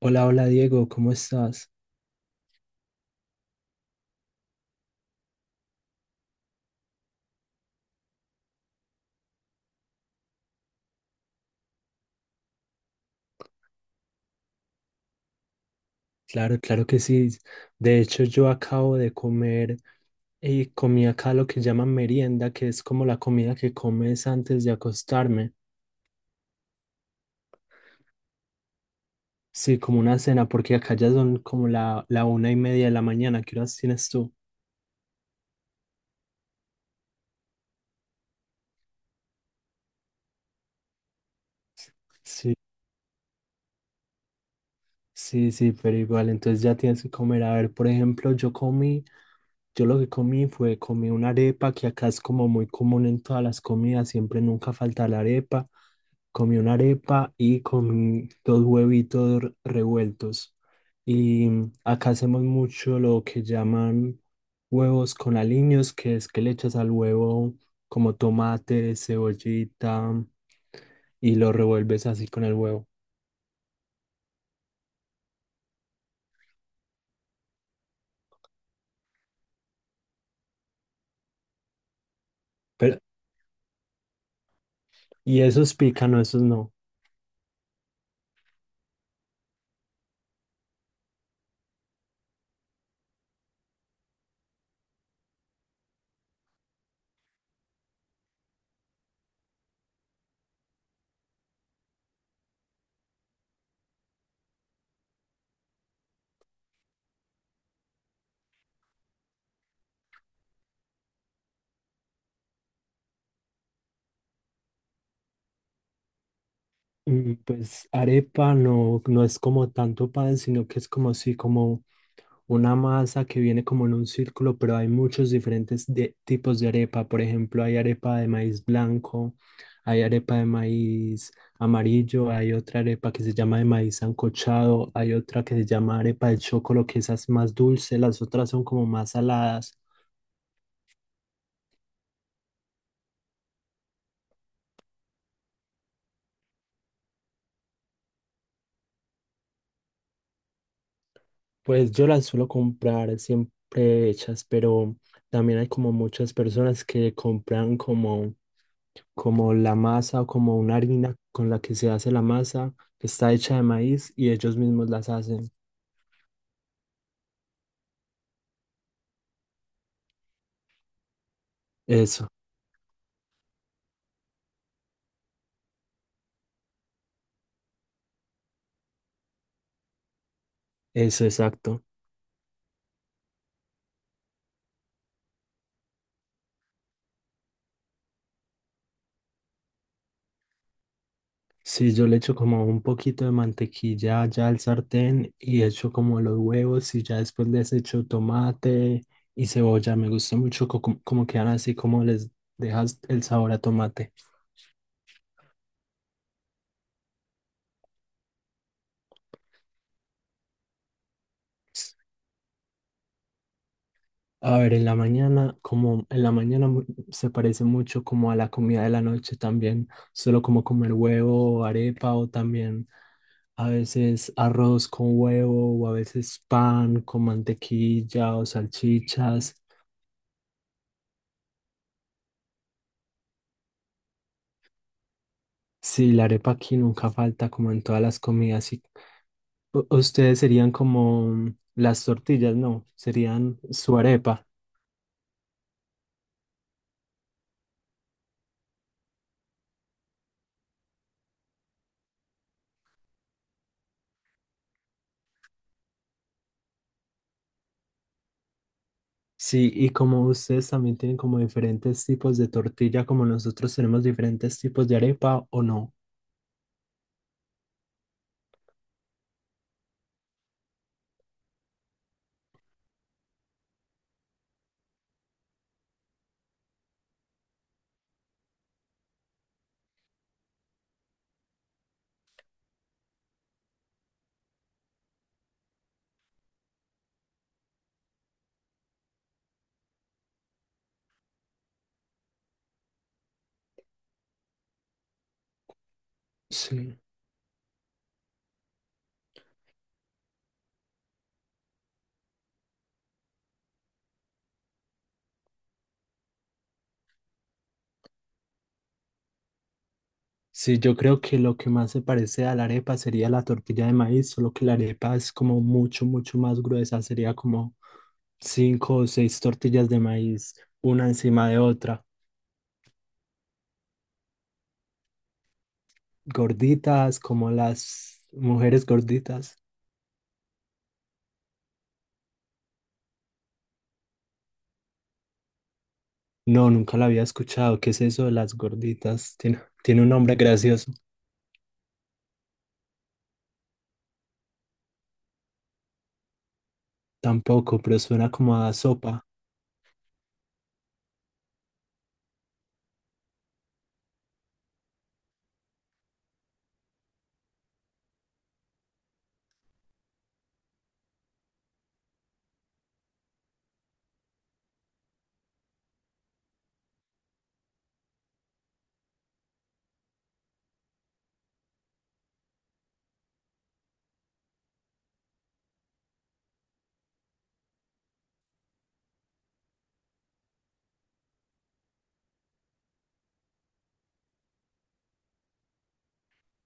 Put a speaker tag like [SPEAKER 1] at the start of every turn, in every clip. [SPEAKER 1] Hola, hola Diego, ¿cómo estás? Claro, claro que sí. De hecho, yo acabo de comer y comí acá lo que llaman merienda, que es como la comida que comes antes de acostarme. Sí, como una cena, porque acá ya son como la 1:30 de la mañana. ¿Qué horas tienes tú? Sí, sí, sí, pero igual, entonces ya tienes que comer. A ver, por ejemplo, yo lo que comí fue, comí una arepa, que acá es como muy común en todas las comidas, siempre nunca falta la arepa. Comí una arepa y comí 2 huevitos revueltos. Y acá hacemos mucho lo que llaman huevos con aliños, que es que le echas al huevo como tomate, cebollita, y lo revuelves así con el huevo. Pero, y esos pican, no, esos no. Pues arepa no, no es como tanto pan, sino que es como si como una masa que viene como en un círculo, pero hay muchos tipos de arepa. Por ejemplo, hay arepa de maíz blanco, hay arepa de maíz amarillo, hay otra arepa que se llama de maíz sancochado, hay otra que se llama arepa de chocolo, que esa es más dulce, las otras son como más saladas. Pues yo las suelo comprar siempre hechas, pero también hay como muchas personas que compran como la masa o como una harina con la que se hace la masa, que está hecha de maíz y ellos mismos las hacen. Eso, eso, exacto. Sí, yo le echo como un poquito de mantequilla ya al sartén y echo como los huevos y ya después les echo tomate y cebolla. Me gusta mucho como quedan así, como les dejas el sabor a tomate. A ver, en la mañana, como en la mañana se parece mucho como a la comida de la noche también, solo como comer huevo, arepa o también a veces arroz con huevo, o a veces pan con mantequilla o salchichas. Sí, la arepa aquí nunca falta, como en todas las comidas. Y ustedes serían como las tortillas, no, serían su arepa. Sí, y como ustedes también tienen como diferentes tipos de tortilla, como nosotros tenemos diferentes tipos de arepa, ¿o no? Sí. Sí, yo creo que lo que más se parece a la arepa sería la tortilla de maíz, solo que la arepa es como mucho, mucho más gruesa, sería como 5 o 6 tortillas de maíz, una encima de otra. Gorditas como las mujeres gorditas. No, nunca la había escuchado. ¿Qué es eso de las gorditas? Tiene, tiene un nombre gracioso. Tampoco, pero suena como a sopa.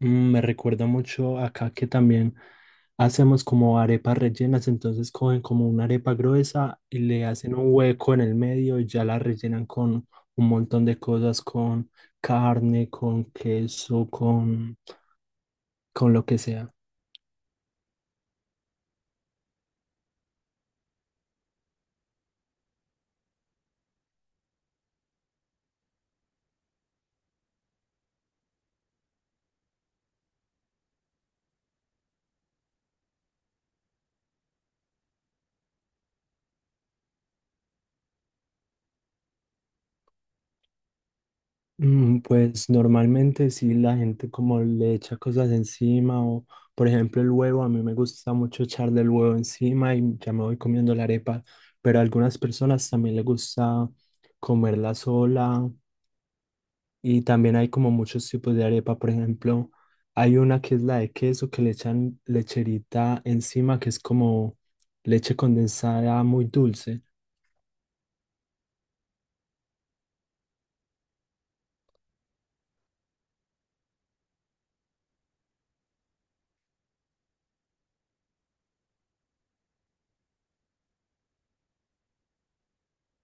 [SPEAKER 1] Me recuerda mucho acá que también hacemos como arepas rellenas, entonces cogen como una arepa gruesa y le hacen un hueco en el medio y ya la rellenan con un montón de cosas, con carne, con queso, con lo que sea. Pues normalmente sí la gente como le echa cosas encima o por ejemplo el huevo, a mí me gusta mucho echarle el huevo encima y ya me voy comiendo la arepa, pero a algunas personas también les gusta comerla sola, y también hay como muchos tipos de arepa, por ejemplo hay una que es la de queso que le echan lecherita encima que es como leche condensada muy dulce.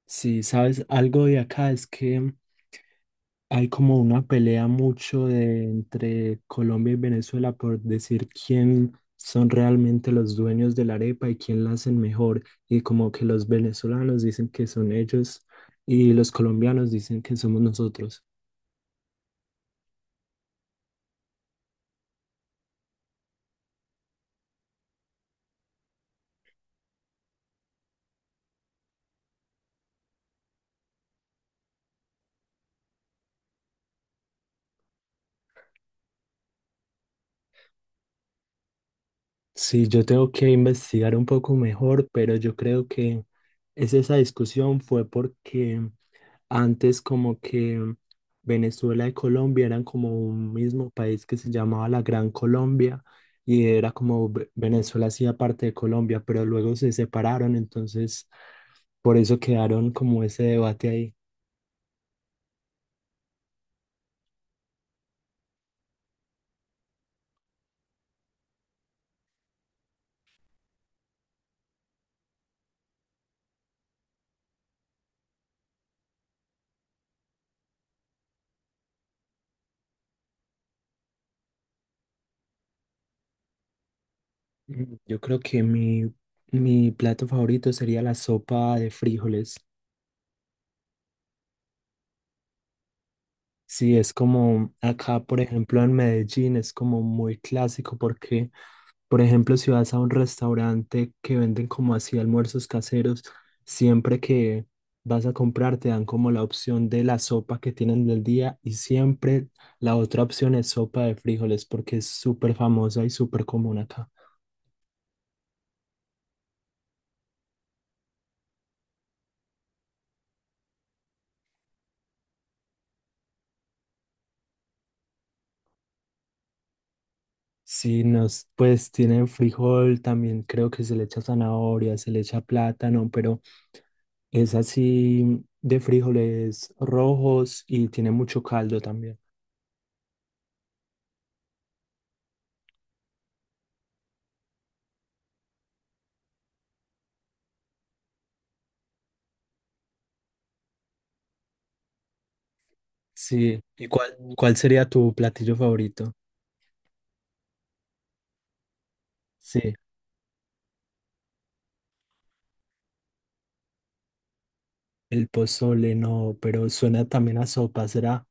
[SPEAKER 1] Si sabes algo de acá es que... Hay como una pelea mucho entre Colombia y Venezuela por decir quién son realmente los dueños de la arepa y quién la hacen mejor. Y como que los venezolanos dicen que son ellos y los colombianos dicen que somos nosotros. Sí, yo tengo que investigar un poco mejor, pero yo creo que es esa discusión fue porque antes como que Venezuela y Colombia eran como un mismo país que se llamaba la Gran Colombia y era como Venezuela hacía parte de Colombia, pero luego se separaron, entonces por eso quedaron como ese debate ahí. Yo creo que mi plato favorito sería la sopa de frijoles. Sí, es como acá, por ejemplo, en Medellín es como muy clásico porque por ejemplo, si vas a un restaurante que venden como así almuerzos caseros, siempre que vas a comprar te dan como la opción de la sopa que tienen del día y siempre la otra opción es sopa de frijoles porque es súper famosa y súper común acá. Si nos, pues tienen frijol, también creo que se le echa zanahoria, se le echa plátano, pero es así de frijoles rojos y tiene mucho caldo también. Sí, ¿y cuál sería tu platillo favorito? Sí, el pozole no, pero suena también a sopa, ¿será?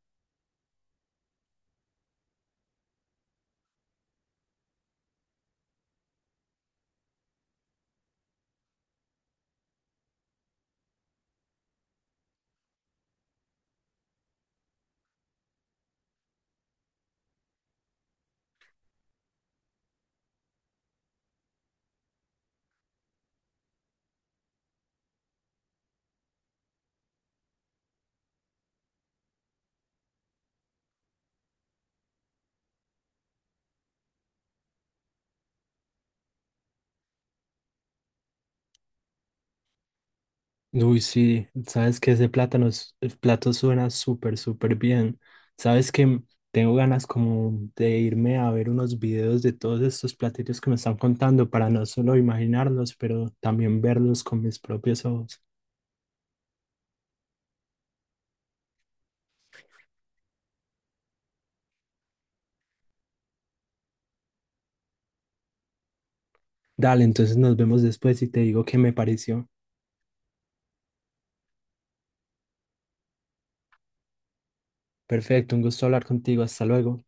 [SPEAKER 1] Uy, sí, sabes que ese plátano, el plato suena súper, súper bien. Sabes que tengo ganas como de irme a ver unos videos de todos estos platillos que me están contando para no solo imaginarlos, pero también verlos con mis propios ojos. Dale, entonces nos vemos después y te digo qué me pareció. Perfecto, un gusto hablar contigo, hasta luego.